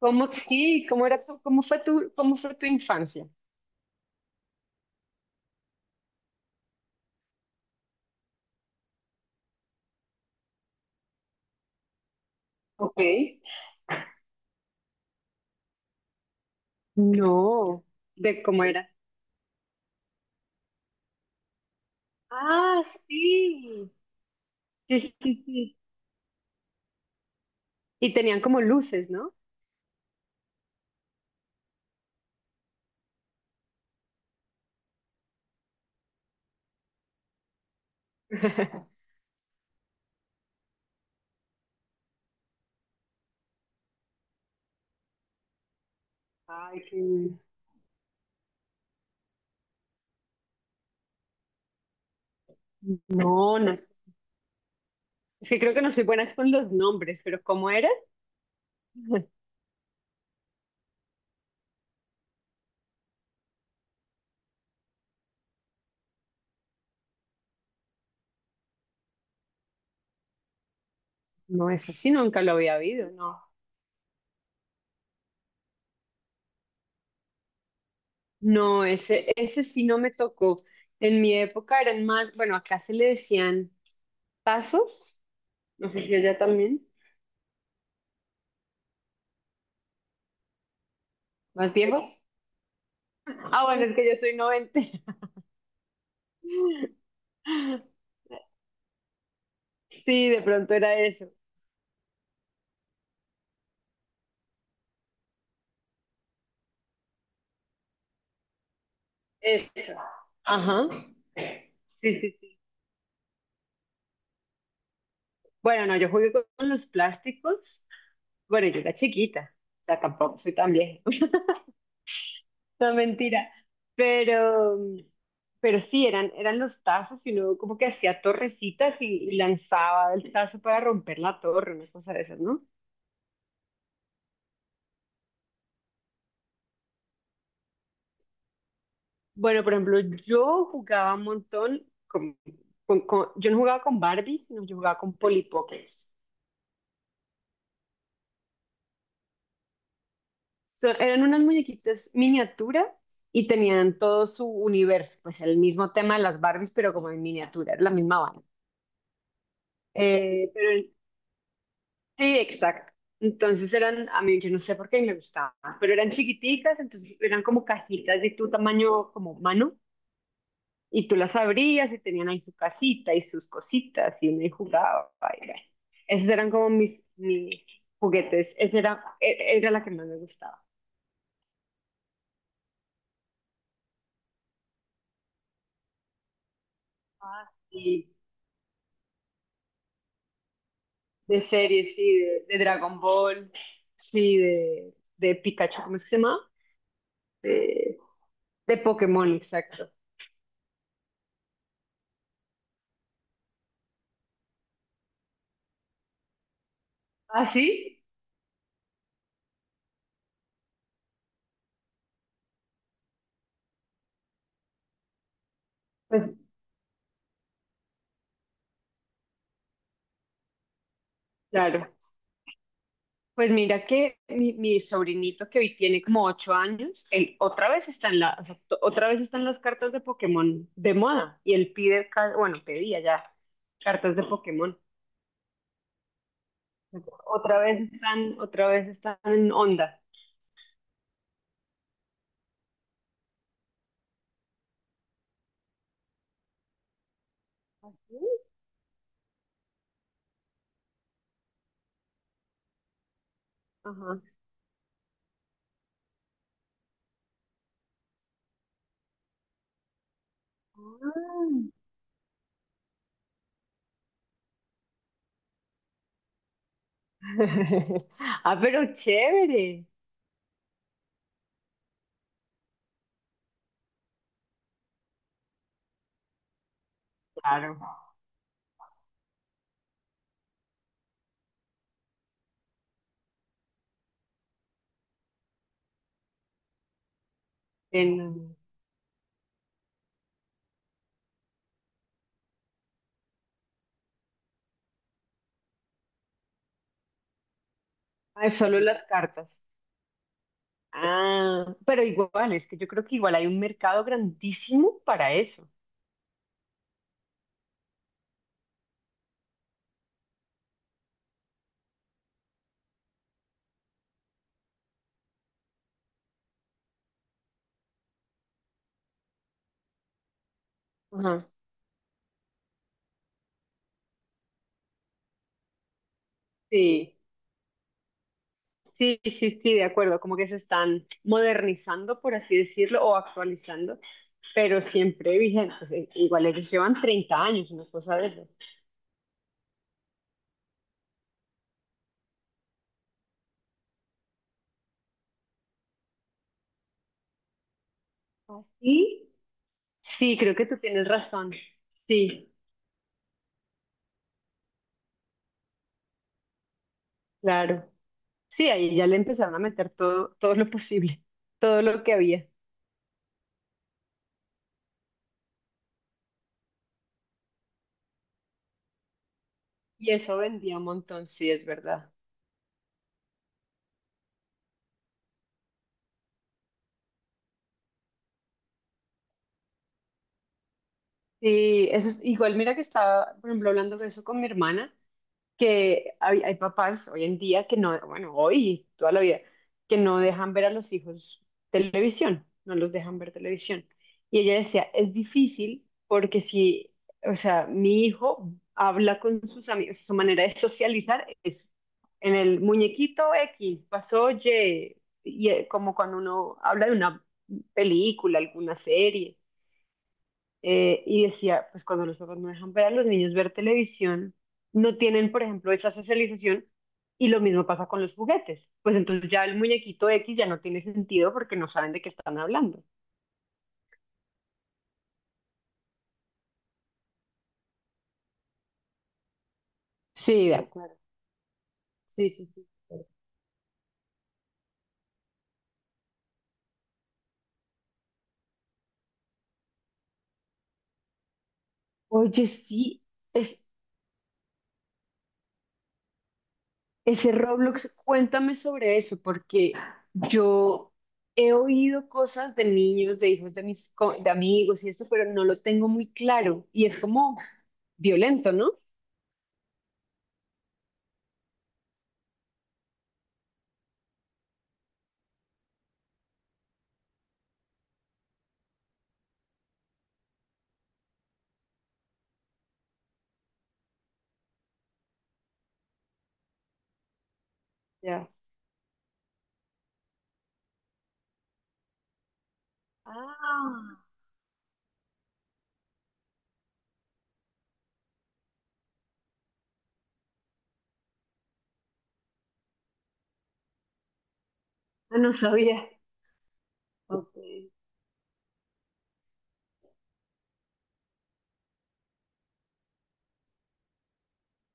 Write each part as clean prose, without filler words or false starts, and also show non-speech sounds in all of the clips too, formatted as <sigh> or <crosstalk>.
¿Cómo, sí, cómo era tu, cómo fue tu, cómo fue tu infancia? Ok. No, de cómo era. Ah, sí. Sí, sí, sí, sí. Y tenían como luces, ¿no? <laughs> Ay, qué... No, no sé. Es que creo que no soy buena con los nombres, pero ¿cómo era? <laughs> No, eso sí nunca lo había habido, no. No, ese sí no me tocó. En mi época eran más, bueno, acá se le decían tazos, no sé si allá también, más viejos. Ah, bueno, es que yo soy 90. Sí, de pronto era eso. Eso. Ajá. Sí, sí, sí. Bueno, no, yo jugué con los plásticos. Bueno, yo era chiquita. O sea, tampoco soy tan vieja. <laughs> No, mentira. Pero, pero sí, eran, eran los tazos y uno como que hacía torrecitas y lanzaba el tazo para romper la torre, una cosa de esas, ¿no? Bueno, por ejemplo, yo jugaba un montón yo no jugaba con Barbie, sino yo jugaba con Polly Pockets. Eran unas muñequitas miniatura y tenían todo su universo, pues el mismo tema de las Barbies, pero como en miniatura, era la misma vaina. Pero sí, exacto. Entonces eran, a mí yo no sé por qué me gustaban, pero eran chiquiticas, entonces eran como cajitas de tu tamaño como mano. Y tú las abrías y tenían ahí su casita y sus cositas y uno ahí jugaba. Y bueno, esos eran como mis, mis juguetes. Esa era, era la que más me gustaba. Ah, sí, de series, sí, de Dragon Ball. Sí, de Pikachu, ¿cómo es que se llama? De, de Pokémon, exacto. ¿Ah, sí? Pues claro. Pues mira que mi sobrinito, que hoy tiene como ocho años, él otra vez está en la, o sea, otra vez están las cartas de Pokémon de moda y él pide, bueno, pedía ya cartas de Pokémon. Otra vez están en onda. Ajá. Ah. <laughs> Ah, pero chévere. Claro. En, ah, solo las cartas. Ah, pero igual, es que yo creo que igual hay un mercado grandísimo para eso. Ajá. Sí. Sí, sí, sí, de acuerdo, como que se están modernizando, por así decirlo, o actualizando, pero siempre vigentes. Igual ellos llevan 30 años, una cosa de eso. Y sí, creo que tú tienes razón. Sí, claro. Sí, ahí ya le empezaron a meter todo, todo lo posible, todo lo que había. Y eso vendía un montón, sí, es verdad. Sí, eso es igual, mira que estaba, por ejemplo, hablando de eso con mi hermana, que hay papás hoy en día que no, bueno, hoy, toda la vida, que no dejan ver a los hijos televisión, no los dejan ver televisión. Y ella decía, es difícil porque si, o sea, mi hijo habla con sus amigos, su manera de socializar es en el muñequito X, pasó Y, y como cuando uno habla de una película, alguna serie, y decía, pues cuando los papás no dejan ver a los niños ver televisión, no tienen, por ejemplo, esa socialización, y lo mismo pasa con los juguetes. Pues entonces ya el muñequito X ya no tiene sentido porque no saben de qué están hablando. Sí, de acuerdo. Sí, sí, sí. Oye, sí, es, ese Roblox, cuéntame sobre eso, porque yo he oído cosas de niños, de hijos de de amigos y eso, pero no lo tengo muy claro. Y es como violento, ¿no? Ya. Ah. <laughs> Ah, no sabía. Ok.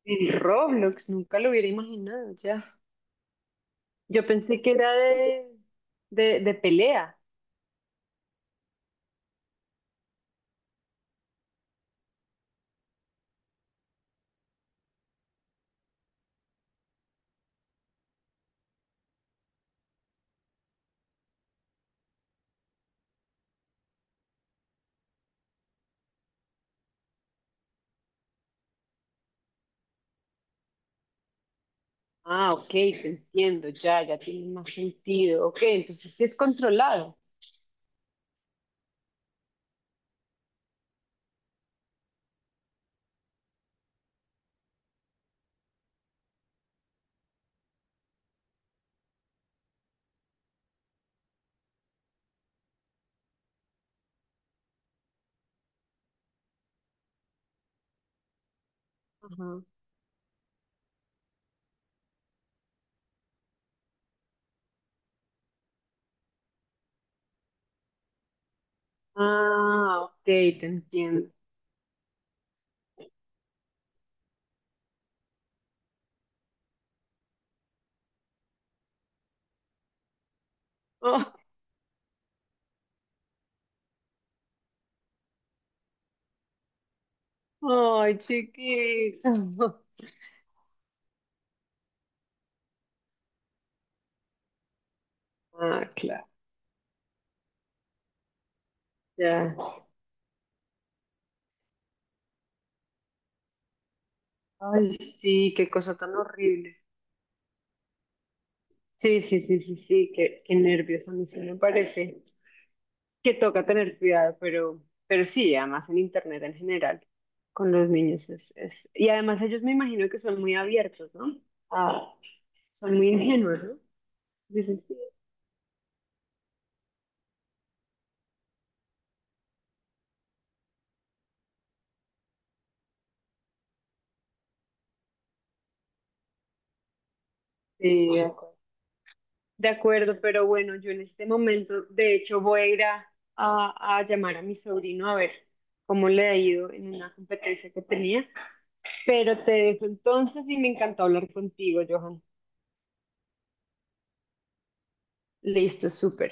En Roblox, nunca lo hubiera imaginado ya. Yo pensé que era de pelea. Ah, ok, te entiendo, ya, ya tiene más sentido. Ok, entonces sí es controlado. Ajá. Ah, ok, te entiendo. <laughs> Oh, ay, chiquito. <laughs> Ah, claro, ya. Ay, sí, qué cosa tan horrible. Sí, sí, sí, sí, sí, qué, qué nervios a mí sí me parece. Que toca tener cuidado, pero sí, además en internet en general, con los niños es... Y además ellos me imagino que son muy abiertos, ¿no? Ah, son muy ingenuos, ¿no? Dicen, sí, sí, de acuerdo. De acuerdo, pero bueno, yo en este momento, de hecho, voy a ir a llamar a mi sobrino a ver cómo le ha ido en una competencia que tenía, pero te dejo entonces y me encantó hablar contigo, Johan. Listo, súper.